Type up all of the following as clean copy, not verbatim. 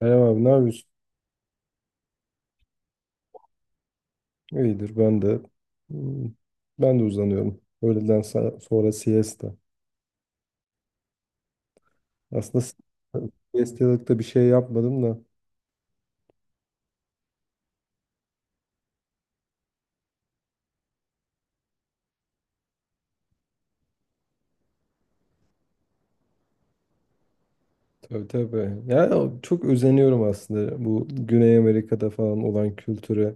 Selam abi ne yapıyorsun? İyidir ben de. Hmm, Ben de uzanıyorum. Öğleden sonra siesta. Aslında siestalık da bir şey yapmadım da. Tabii tabii. Ya çok özeniyorum aslında bu Güney Amerika'da falan olan kültüre.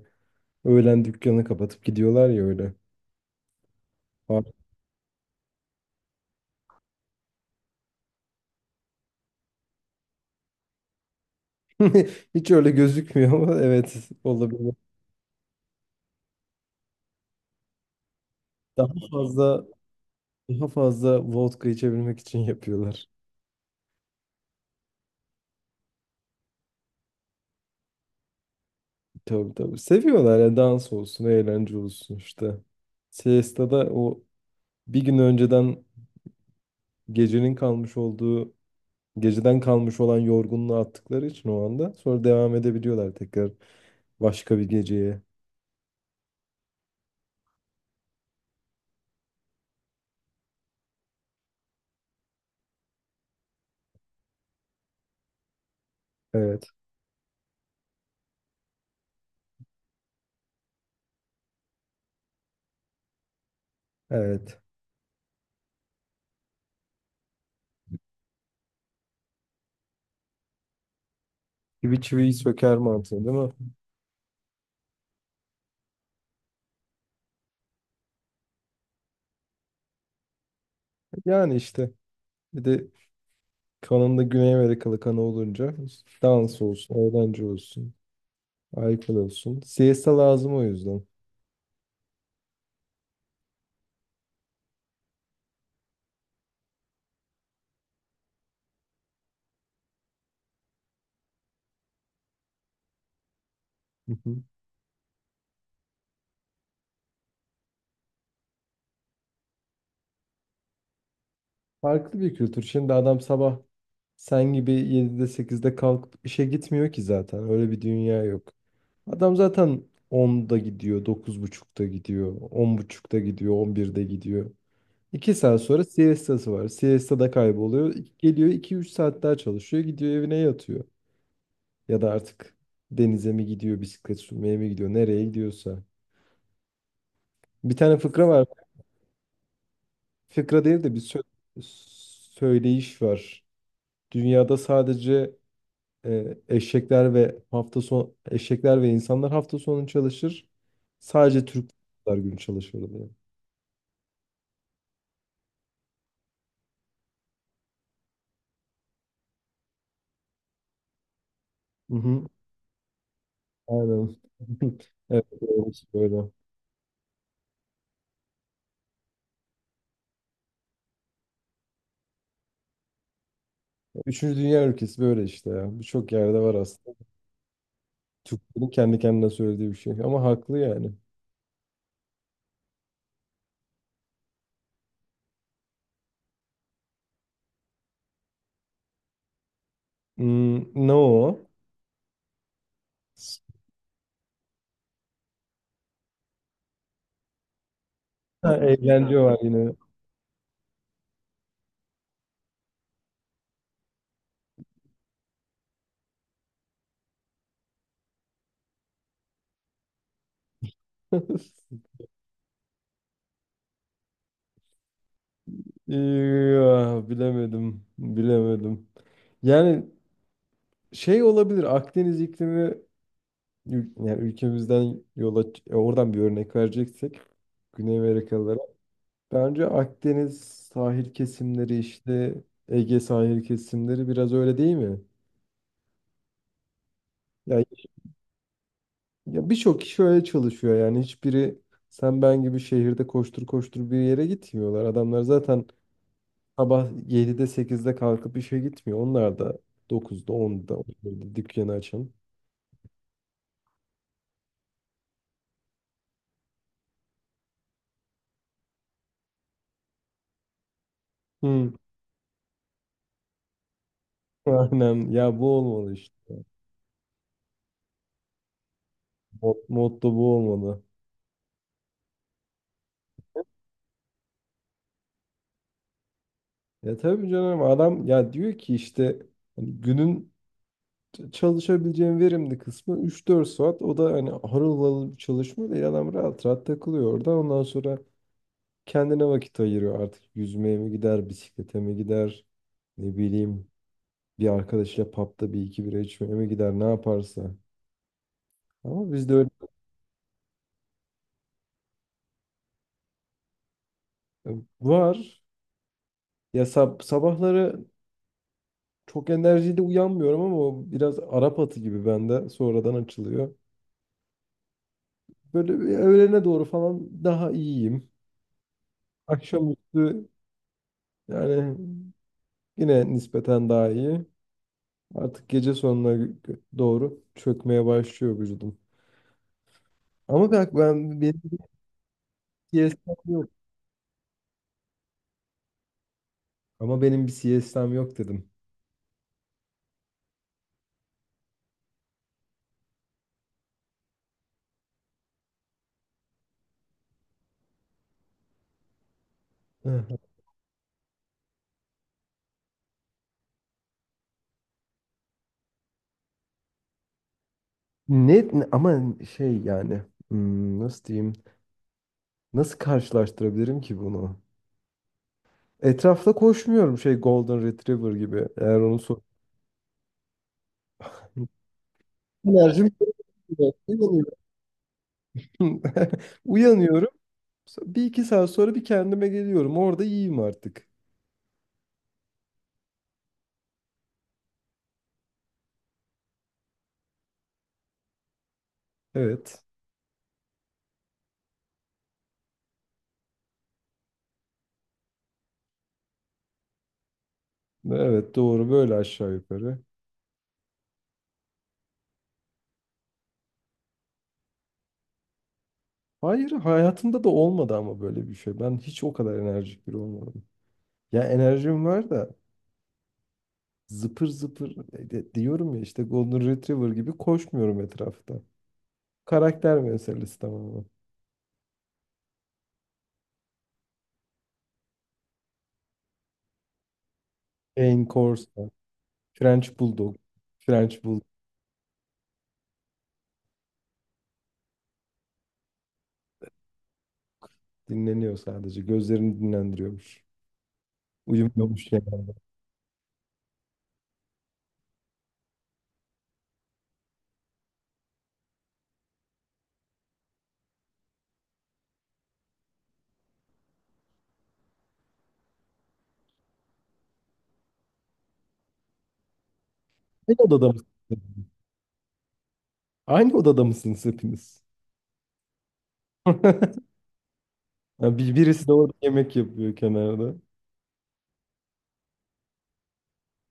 Öğlen dükkanı kapatıp gidiyorlar ya öyle. Abi, Hiç öyle gözükmüyor ama evet olabilir. Daha fazla daha fazla vodka içebilmek için yapıyorlar. Tabii tabii. Seviyorlar ya dans olsun, eğlence olsun işte. Siesta'da o bir gün önceden gecenin kalmış olduğu, geceden kalmış olan yorgunluğu attıkları için o anda sonra devam edebiliyorlar tekrar başka bir geceye. Evet, evet. Çivi çiviyi söker mantığı değil mi? Yani işte bir de kanında Güney Amerikalı kanı olunca dans olsun, eğlence olsun, alkol olsun. Siesta lazım o yüzden. Hı hı. Farklı bir kültür. Şimdi adam sabah sen gibi 7'de 8'de kalkıp işe gitmiyor ki zaten. Öyle bir dünya yok. Adam zaten 10'da gidiyor, 9.30'da gidiyor, 10.30'da gidiyor, 11'de gidiyor. 2 saat sonra siestası var. Siesta da kayboluyor. Geliyor iki üç saat daha çalışıyor. Gidiyor evine yatıyor. Ya da artık denize mi gidiyor, bisiklet sürmeye mi gidiyor, nereye gidiyorsa. Bir tane fıkra var. Fıkra değil de bir söyleyiş var. Dünyada sadece eşekler ve insanlar hafta sonu çalışır. Sadece Türkler gün çalışır diye. Hı hı. Aynen. Evet, doğrusu böyle. Üçüncü dünya ülkesi böyle işte ya. Birçok yerde var aslında. Türklerin kendi kendine söylediği bir şey. Ama haklı yani. Ne o? Ha, eğlence var yine. Ya, bilemedim. Bilemedim. Yani şey olabilir. Akdeniz iklimi. Yani ülkemizden yola oradan bir örnek vereceksek Güney Amerikalılara. Bence Akdeniz sahil kesimleri işte Ege sahil kesimleri biraz öyle değil mi? Yani ya birçok kişi öyle çalışıyor yani hiçbiri sen ben gibi şehirde koştur koştur bir yere gitmiyorlar. Adamlar zaten sabah 7'de 8'de kalkıp işe gitmiyor. Onlar da 9'da 10'da 11'de dükkanı açan. Hı. Aynen ya bu olmalı işte. Motto bu olmalı. Ya tabii canım adam ya diyor ki işte hani günün çalışabileceğim verimli kısmı üç dört saat. O da hani harıl harıl bir çalışma değil. Adam rahat rahat takılıyor orada. Ondan sonra kendine vakit ayırıyor artık. Yüzmeye mi gider, bisiklete mi gider, ne bileyim bir arkadaşıyla pub'da bir iki bira içmeye mi gider ne yaparsa. Ama bizde öyle e, var. Ya sabahları çok enerjiyle uyanmıyorum ama o biraz Arap atı gibi bende sonradan açılıyor. Böyle bir öğlene doğru falan daha iyiyim. Akşamüstü yani yine nispeten daha iyi. Artık gece sonuna doğru çökmeye başlıyor vücudum. Ama bak ben benim bir siestam yok. Ama benim bir siestam yok dedim. Hı. Ama şey yani nasıl diyeyim? Nasıl karşılaştırabilirim ki bunu? Etrafta koşmuyorum şey Golden Retriever gibi. Eğer onu sor. Enerjim uyanıyorum. Bir iki saat sonra bir kendime geliyorum. Orada yiyeyim artık. Evet. Evet doğru böyle aşağı yukarı. Hayır hayatımda da olmadı ama böyle bir şey. Ben hiç o kadar enerjik biri olmadım. Ya enerjim var da zıpır zıpır diyorum ya işte Golden Retriever gibi koşmuyorum etrafta. Karakter meselesi tamamen. Cane Corso, French Bulldog. French Bulldog dinleniyor sadece. Gözlerini dinlendiriyormuş. Uyumuyormuş genelde. Aynı odada mısınız? Aynı odada mısınız hepiniz? Ha, birisi de orada yemek yapıyor kenarda.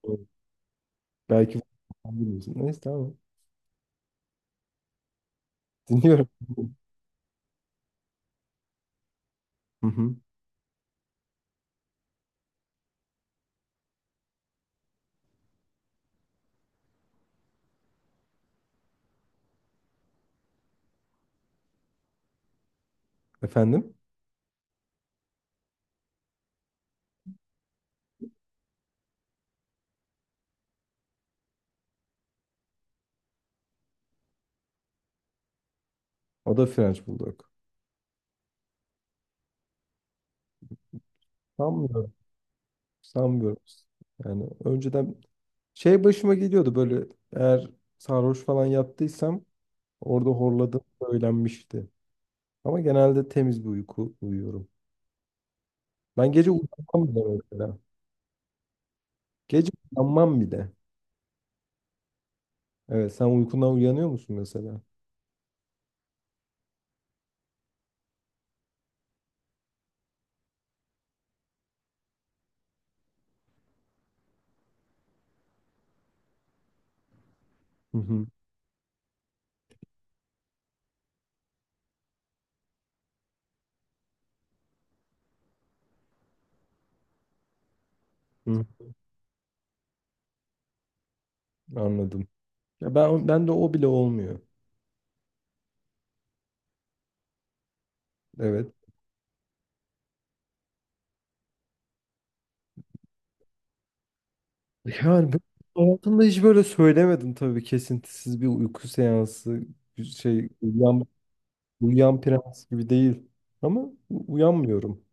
Evet. Belki bilmiyorsun. Neyse tamam. Dinliyorum. Hı hı. Efendim? O da French Bulldog. Sanmıyorum. Sanmıyorum. Yani önceden şey başıma geliyordu böyle eğer sarhoş falan yaptıysam orada horladığım söylenmişti. Ama genelde temiz bir uyku uyuyorum. Ben gece uyanmam bile mesela. Gece uyanmam bile. Evet sen uykundan uyanıyor musun mesela? Hı hı. Hı. Anladım. Ya ben de o bile olmuyor. Evet. Yani ben hayatımda hiç böyle söylemedim tabii kesintisiz bir uyku seansı bir şey uyuyan prens gibi değil. Ama uyanmıyorum.